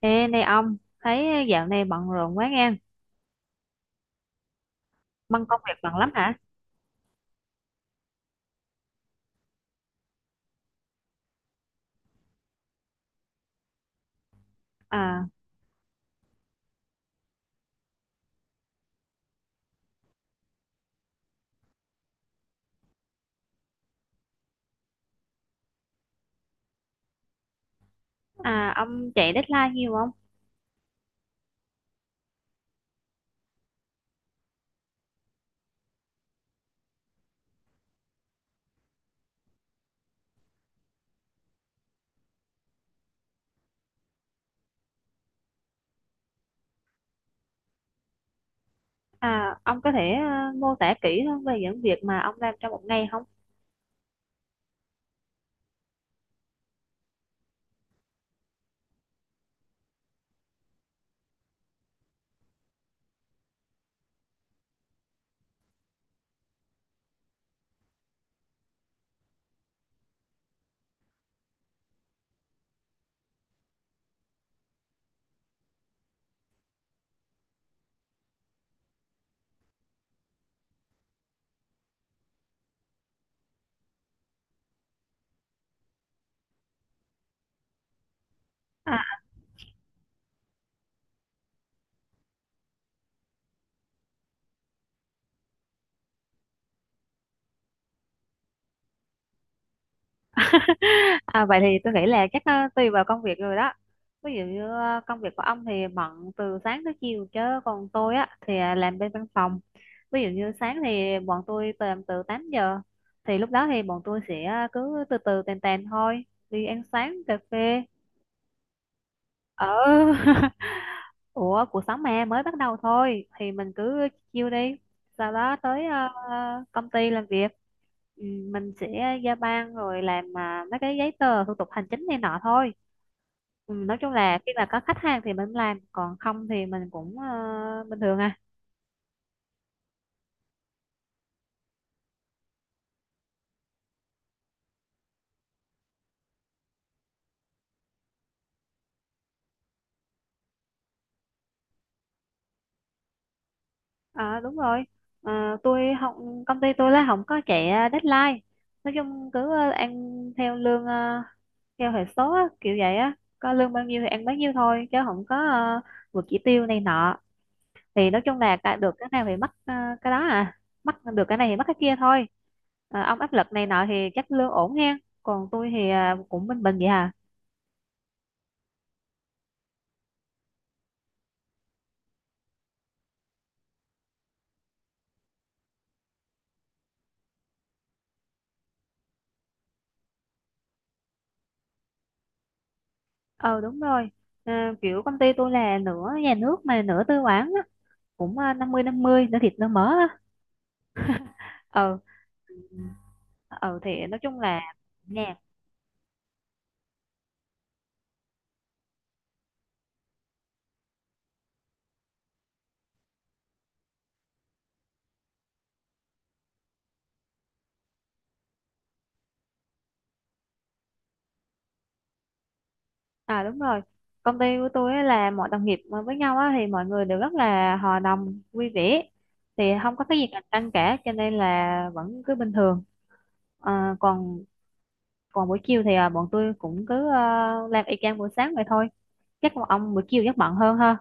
Ê, này ông, thấy dạo này bận rộn quá nghe, băng công việc bận lắm hả? À, à, ông chạy deadline nhiều không? À, ông có thể mô tả kỹ hơn về những việc mà ông làm trong một ngày không? À, à vậy thì tôi nghĩ là chắc tùy vào công việc rồi đó. Ví dụ như công việc của ông thì bận từ sáng tới chiều, chứ còn tôi á thì làm bên văn phòng. Ví dụ như sáng thì bọn tôi làm từ 8 giờ, thì lúc đó thì bọn tôi sẽ cứ từ từ tèn tèn thôi, đi ăn sáng cà phê ờ. Ủa, cuộc sống mà mới bắt đầu thôi thì mình cứ chill đi, sau đó tới công ty làm việc. Ừ, mình sẽ giao ban rồi làm mấy cái giấy tờ thủ tục hành chính này nọ thôi. Ừ, nói chung là khi mà có khách hàng thì mình làm, còn không thì mình cũng bình thường à. À đúng rồi. À, tôi không, công ty tôi là không có chạy deadline. Nói chung cứ ăn theo lương theo hệ số á, kiểu vậy á, có lương bao nhiêu thì ăn bấy nhiêu thôi, chứ không có vượt chỉ tiêu này nọ. Thì nói chung là cả, được cái nào thì mất cái đó à, mất được cái này thì mất cái kia thôi. À, ông áp lực này nọ thì chắc lương ổn nha. Còn tôi thì cũng bình bình vậy à. Ờ đúng rồi. À, kiểu công ty tôi là nửa nhà nước mà nửa tư bản á, cũng năm mươi, nửa thịt nửa mỡ á. Ờ, ừ thì nói chung là nha. À đúng rồi, công ty của tôi á là mọi đồng nghiệp mà với nhau á thì mọi người đều rất là hòa đồng vui vẻ, thì không có cái gì cạnh tranh cả, cho nên là vẫn cứ bình thường. À, còn còn buổi chiều thì bọn tôi cũng cứ làm y chang buổi sáng vậy thôi, chắc là ông buổi chiều chắc bận hơn ha.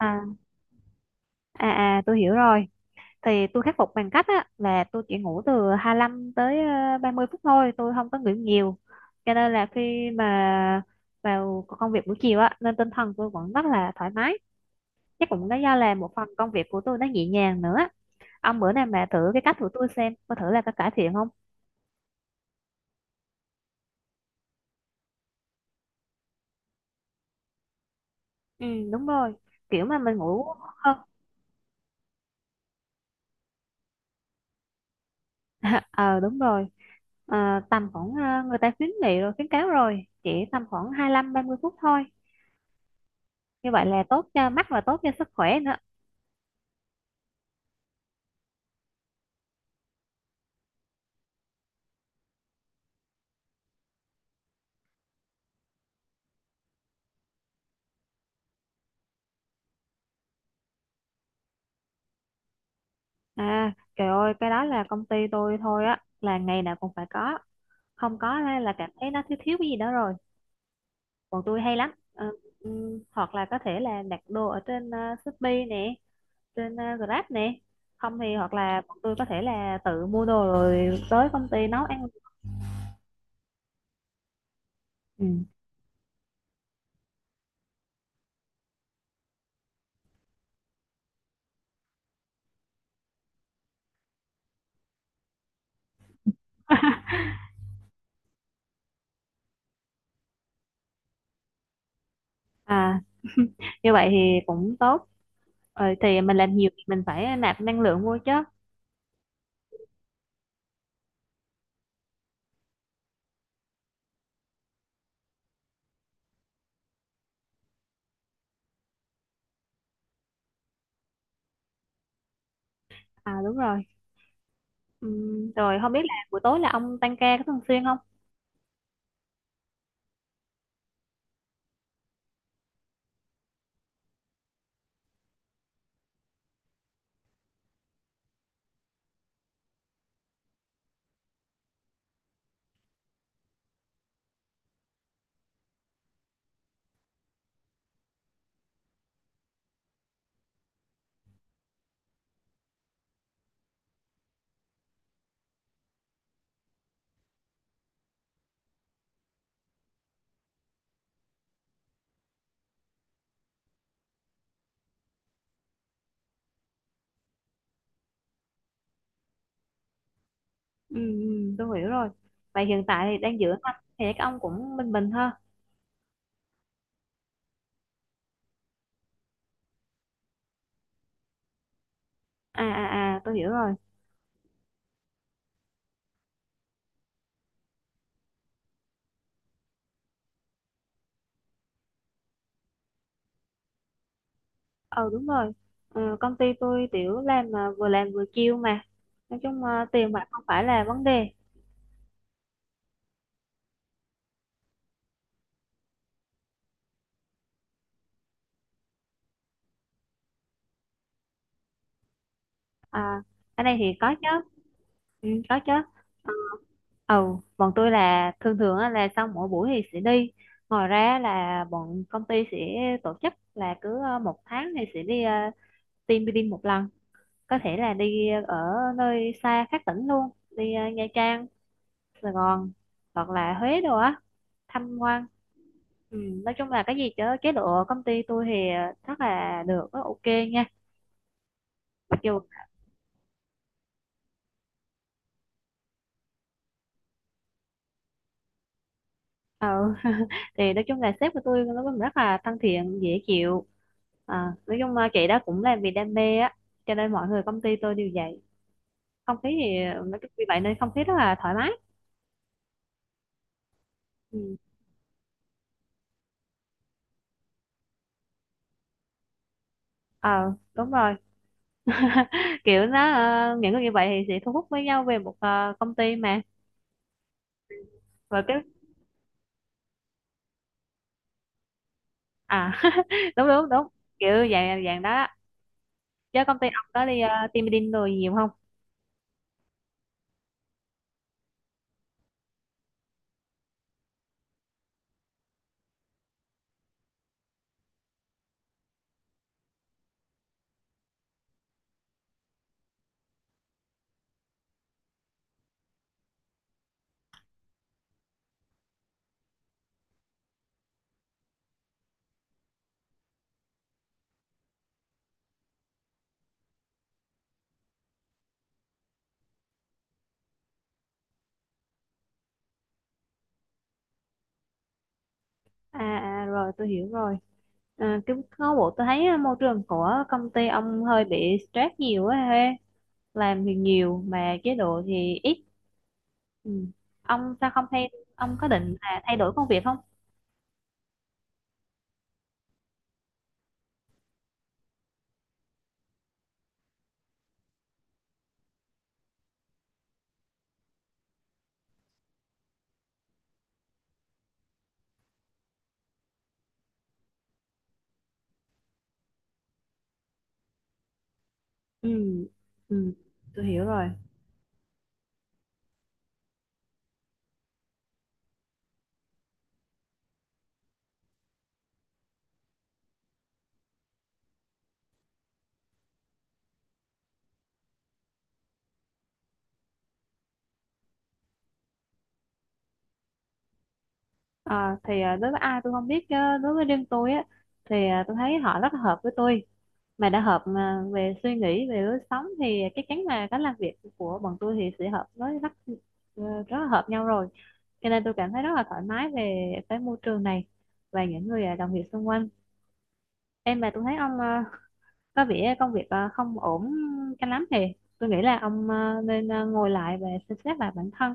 À à à tôi hiểu rồi. Thì tôi khắc phục bằng cách á, là tôi chỉ ngủ từ 25 tới 30 phút thôi, tôi không có ngủ nhiều, cho nên là khi mà vào công việc buổi chiều á nên tinh thần tôi vẫn rất là thoải mái, chắc cũng đó do là một phần công việc của tôi nó nhẹ nhàng nữa. Ông bữa nào mà thử cái cách của tôi xem có thử là có cải thiện không. Ừ đúng rồi, kiểu mà mình ngủ hơn. Ờ đúng rồi. Ờ, tầm khoảng người ta khuyến nghị rồi khuyến cáo rồi chỉ tầm khoảng 25 30 phút thôi, như vậy là tốt cho mắt và tốt cho sức khỏe nữa. À, trời ơi, cái đó là công ty tôi thôi á, là ngày nào cũng phải có, không có thế là cảm thấy nó thiếu thiếu cái gì đó rồi. Bọn tôi hay lắm, Ờ, hoặc là có thể là đặt đồ ở trên Shopee nè, trên Grab nè, không thì hoặc là bọn tôi có thể là tự mua đồ rồi tới công ty nấu ăn. Ừ. À, như vậy thì cũng tốt. Ờ, thì mình làm nhiều thì mình phải nạp năng lượng vô chứ. À đúng rồi. Rồi không biết là buổi tối là ông tăng ca có thường xuyên không? Ừ, ừ, tôi hiểu rồi. Vậy hiện tại thì đang giữ anh thì các ông cũng bình bình ha. À, tôi hiểu rồi. Ờ đúng rồi. Ờ, công ty tôi tiểu làm mà vừa làm vừa chill mà. Nói chung tiền bạc không phải là vấn đề. À, ở đây thì có chứ. Ừ, có chứ. Ờ, bọn tôi là thường thường á, là sau mỗi buổi thì sẽ đi. Ngoài ra là bọn công ty sẽ tổ chức là cứ một tháng thì sẽ đi team building một lần. Có thể là đi ở nơi xa khác tỉnh luôn. Đi Nha Trang, Sài Gòn, hoặc là Huế đồ á, tham quan. Ừ, nói chung là cái gì chứ chế độ công ty tôi thì rất là được, rất ok nha, mặc dù ờ. Thì nói chung là sếp của tôi nó cũng rất là thân thiện dễ chịu, nói chung là chị đó cũng làm vì đam mê á, cho nên mọi người công ty tôi đều vậy. Không khí thì nói chung vì vậy nên không khí rất là thoải mái. Ừ. Ờ đúng rồi. Kiểu nó những người như vậy thì sẽ thu hút với nhau về một công ty mà. Và cái à, đúng đúng đúng, kiểu dạng dạng đó á. Chứ công ty ông có đi team building rồi nhiều không? À, rồi tôi hiểu rồi. À, cái có bộ tôi thấy môi trường của công ty ông hơi bị stress nhiều á he, làm thì nhiều mà chế độ thì ít. Ừ. Ông sao không thay, ông có định là thay đổi công việc không? Ừ, ừ, tôi hiểu rồi. À, thì đối với ai tôi không biết chứ, đối với riêng tôi á, thì tôi thấy họ rất là hợp với tôi. Mà đã hợp mà về suy nghĩ về lối sống thì chắc chắn là cách làm việc của bọn tôi thì sẽ hợp với rất rất là hợp nhau rồi, cho nên tôi cảm thấy rất là thoải mái về cái môi trường này và những người đồng nghiệp xung quanh. Em mà tôi thấy ông có vẻ công việc không ổn cho lắm, thì tôi nghĩ là ông nên ngồi lại và xem xét lại bản thân.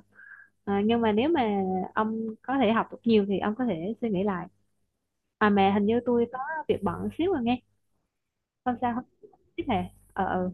Ờ, nhưng mà nếu mà ông có thể học được nhiều thì ông có thể suy nghĩ lại. À mà hình như tôi có việc bận xíu rồi nghe, không sao không, tiếp hệ ờ ừ.